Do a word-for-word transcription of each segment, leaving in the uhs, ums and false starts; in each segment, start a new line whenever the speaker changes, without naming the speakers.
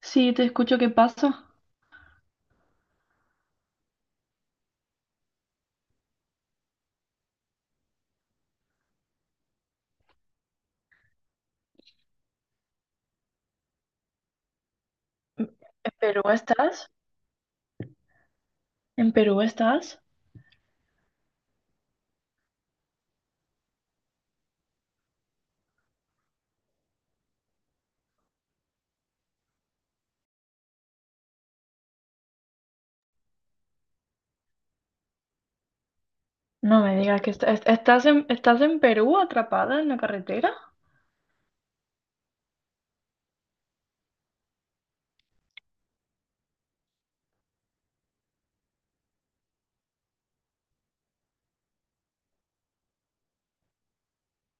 Sí, te escucho, ¿qué pasa? ¿En Perú estás? ¿En Perú estás? No me digas que estás, estás en, estás en Perú atrapada en la carretera.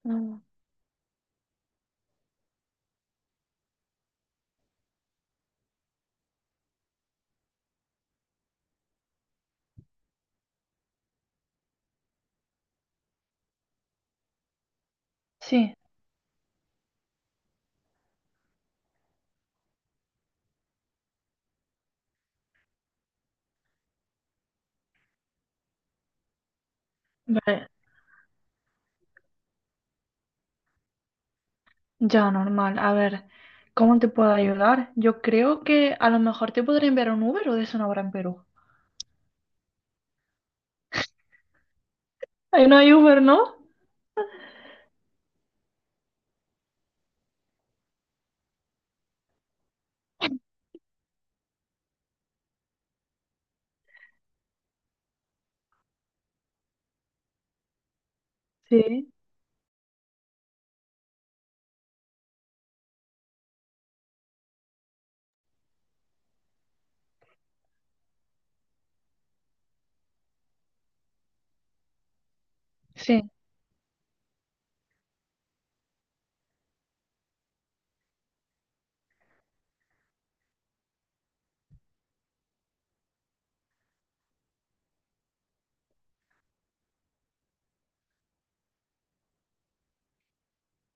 Mm. Sí, vale, ya normal. A ver, ¿cómo te puedo ayudar? Yo creo que a lo mejor te podría enviar un Uber o de eso no habrá en Perú. Ahí no hay Uber, ¿no? Sí. Sí.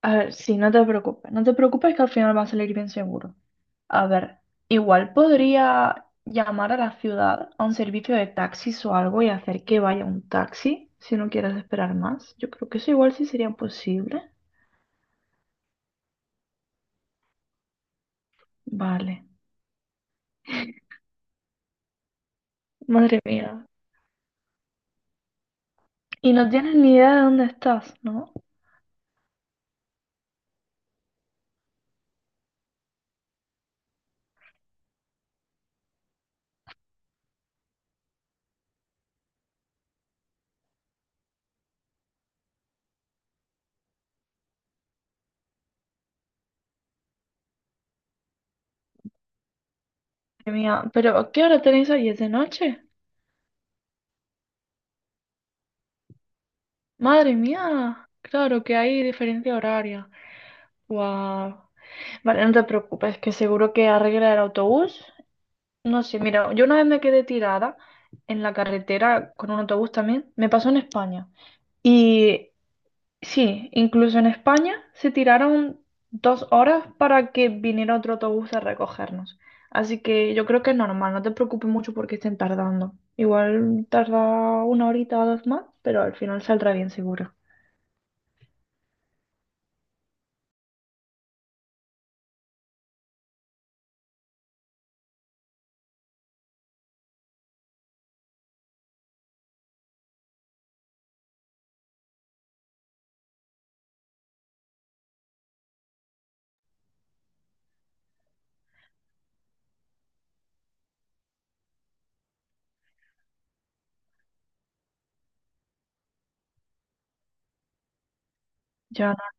A ver, sí, no te preocupes. No te preocupes que al final va a salir bien seguro. A ver, igual podría llamar a la ciudad a un servicio de taxis o algo y hacer que vaya un taxi si no quieres esperar más. Yo creo que eso igual sí sería posible. Vale. Madre mía. Y no tienes ni idea de dónde estás, ¿no? Madre mía. ¿Pero qué hora tenéis hoy? ¿Es de noche? Madre mía. Claro que hay diferencia horaria. Guau. Vale, no te preocupes, que seguro que arregla el autobús. No sé, mira, yo una vez me quedé tirada en la carretera con un autobús también, me pasó en España. Y sí, incluso en España se tiraron dos horas para que viniera otro autobús a recogernos. Así que yo creo que es normal, no te preocupes mucho porque estén tardando. Igual tarda una horita o dos más, pero al final saldrá bien seguro. Ya no,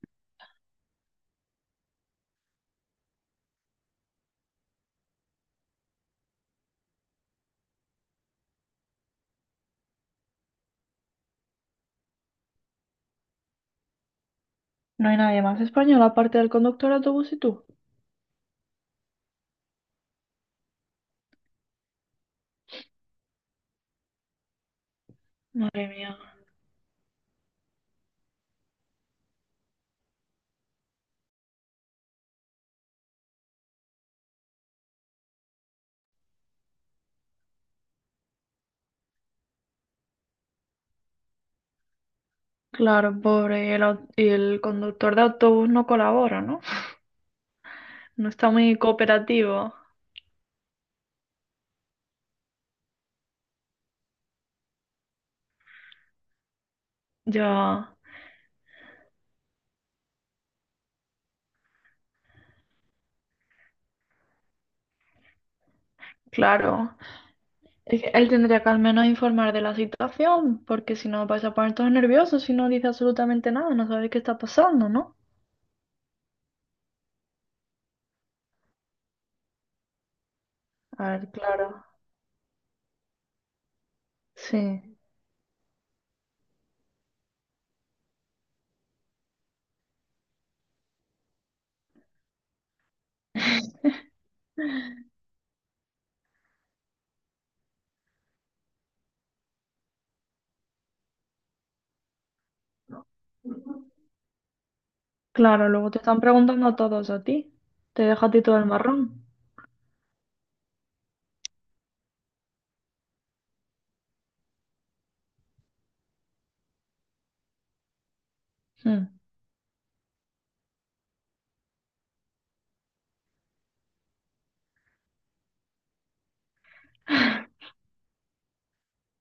no hay nadie más español aparte del conductor de autobús y tú. Madre mía. Claro, pobre, el, au- y el conductor de autobús no colabora, ¿no? No está muy cooperativo. Ya, claro. Es que él tendría que al menos informar de la situación, porque si no vais a poner todos nerviosos si no dice absolutamente nada, no sabéis qué está pasando, ¿no? A ver, claro. Sí. Claro, luego te están preguntando a todos a ti. Te deja a ti todo el marrón. Mm.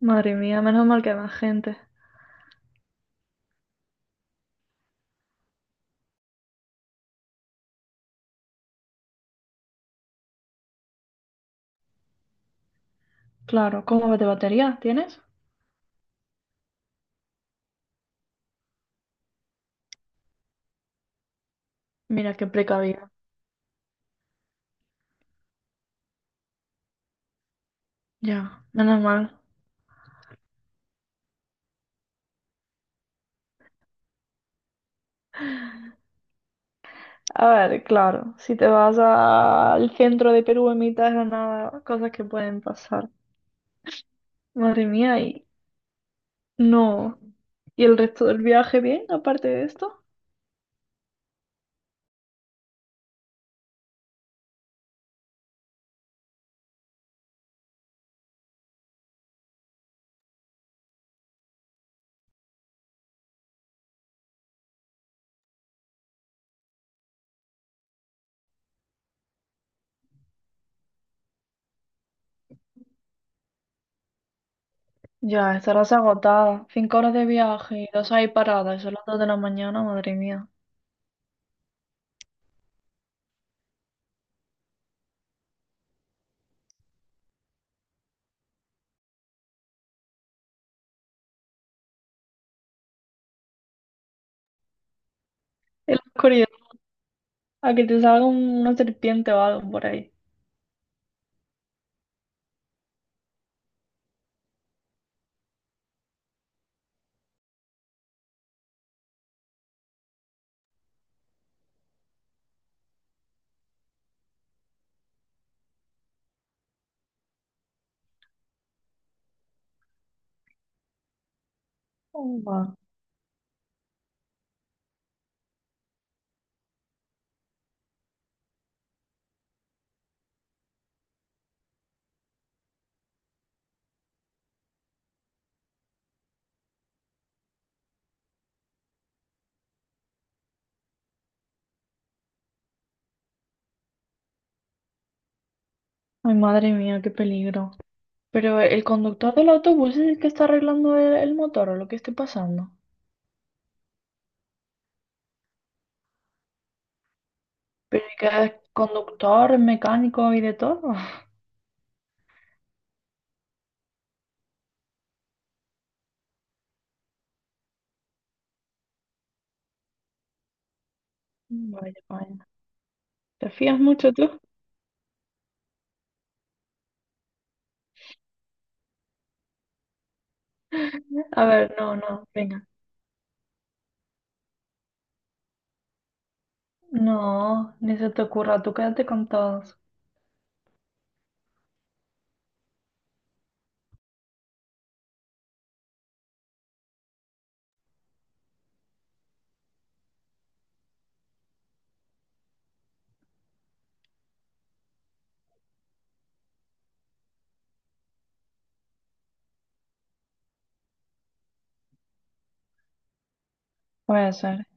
Madre mía, menos mal que hay más gente. Claro, ¿cómo va de batería tienes? Mira qué precavida. Ya, menos mal. A ver, claro, si te vas a- al centro de Perú en mitad de la nada, cosas que pueden pasar. Madre mía, y no. ¿Y el resto del viaje bien, aparte de esto? Ya, estarás agotada. Cinco horas de viaje y dos ahí paradas, son las dos de la mañana, madre mía. En la oscuridad, a que te salga un- una serpiente o algo por ahí. Oh, va. Ay, madre mía, qué peligro. Pero el conductor del autobús es el que está arreglando el, el motor o lo que esté pasando. Pero ¿y que es conductor, mecánico y de todo? Vaya, vaya. ¿Te fías mucho tú? A ver, no, no, venga. No, ni se te ocurra, tú quédate con todos. Puede ser.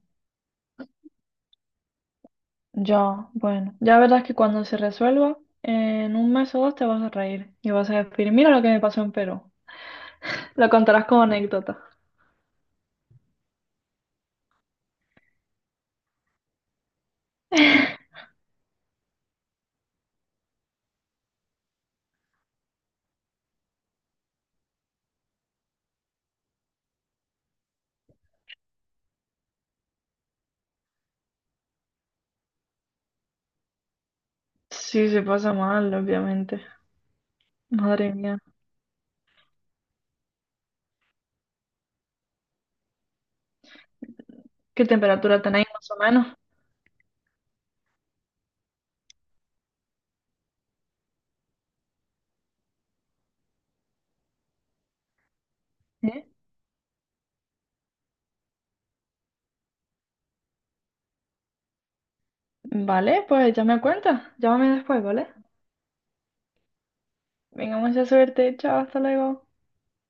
Yo, bueno, ya verás que cuando se resuelva, en un mes o dos te vas a reír y vas a decir, mira lo que me pasó en Perú. Lo contarás como anécdota. Sí, se pasa mal, obviamente. Madre mía. ¿Qué temperatura tenéis más o menos? ¿Eh? Vale, pues ya me cuentas. Llámame después, ¿vale? Venga, mucha suerte. Chao, hasta luego.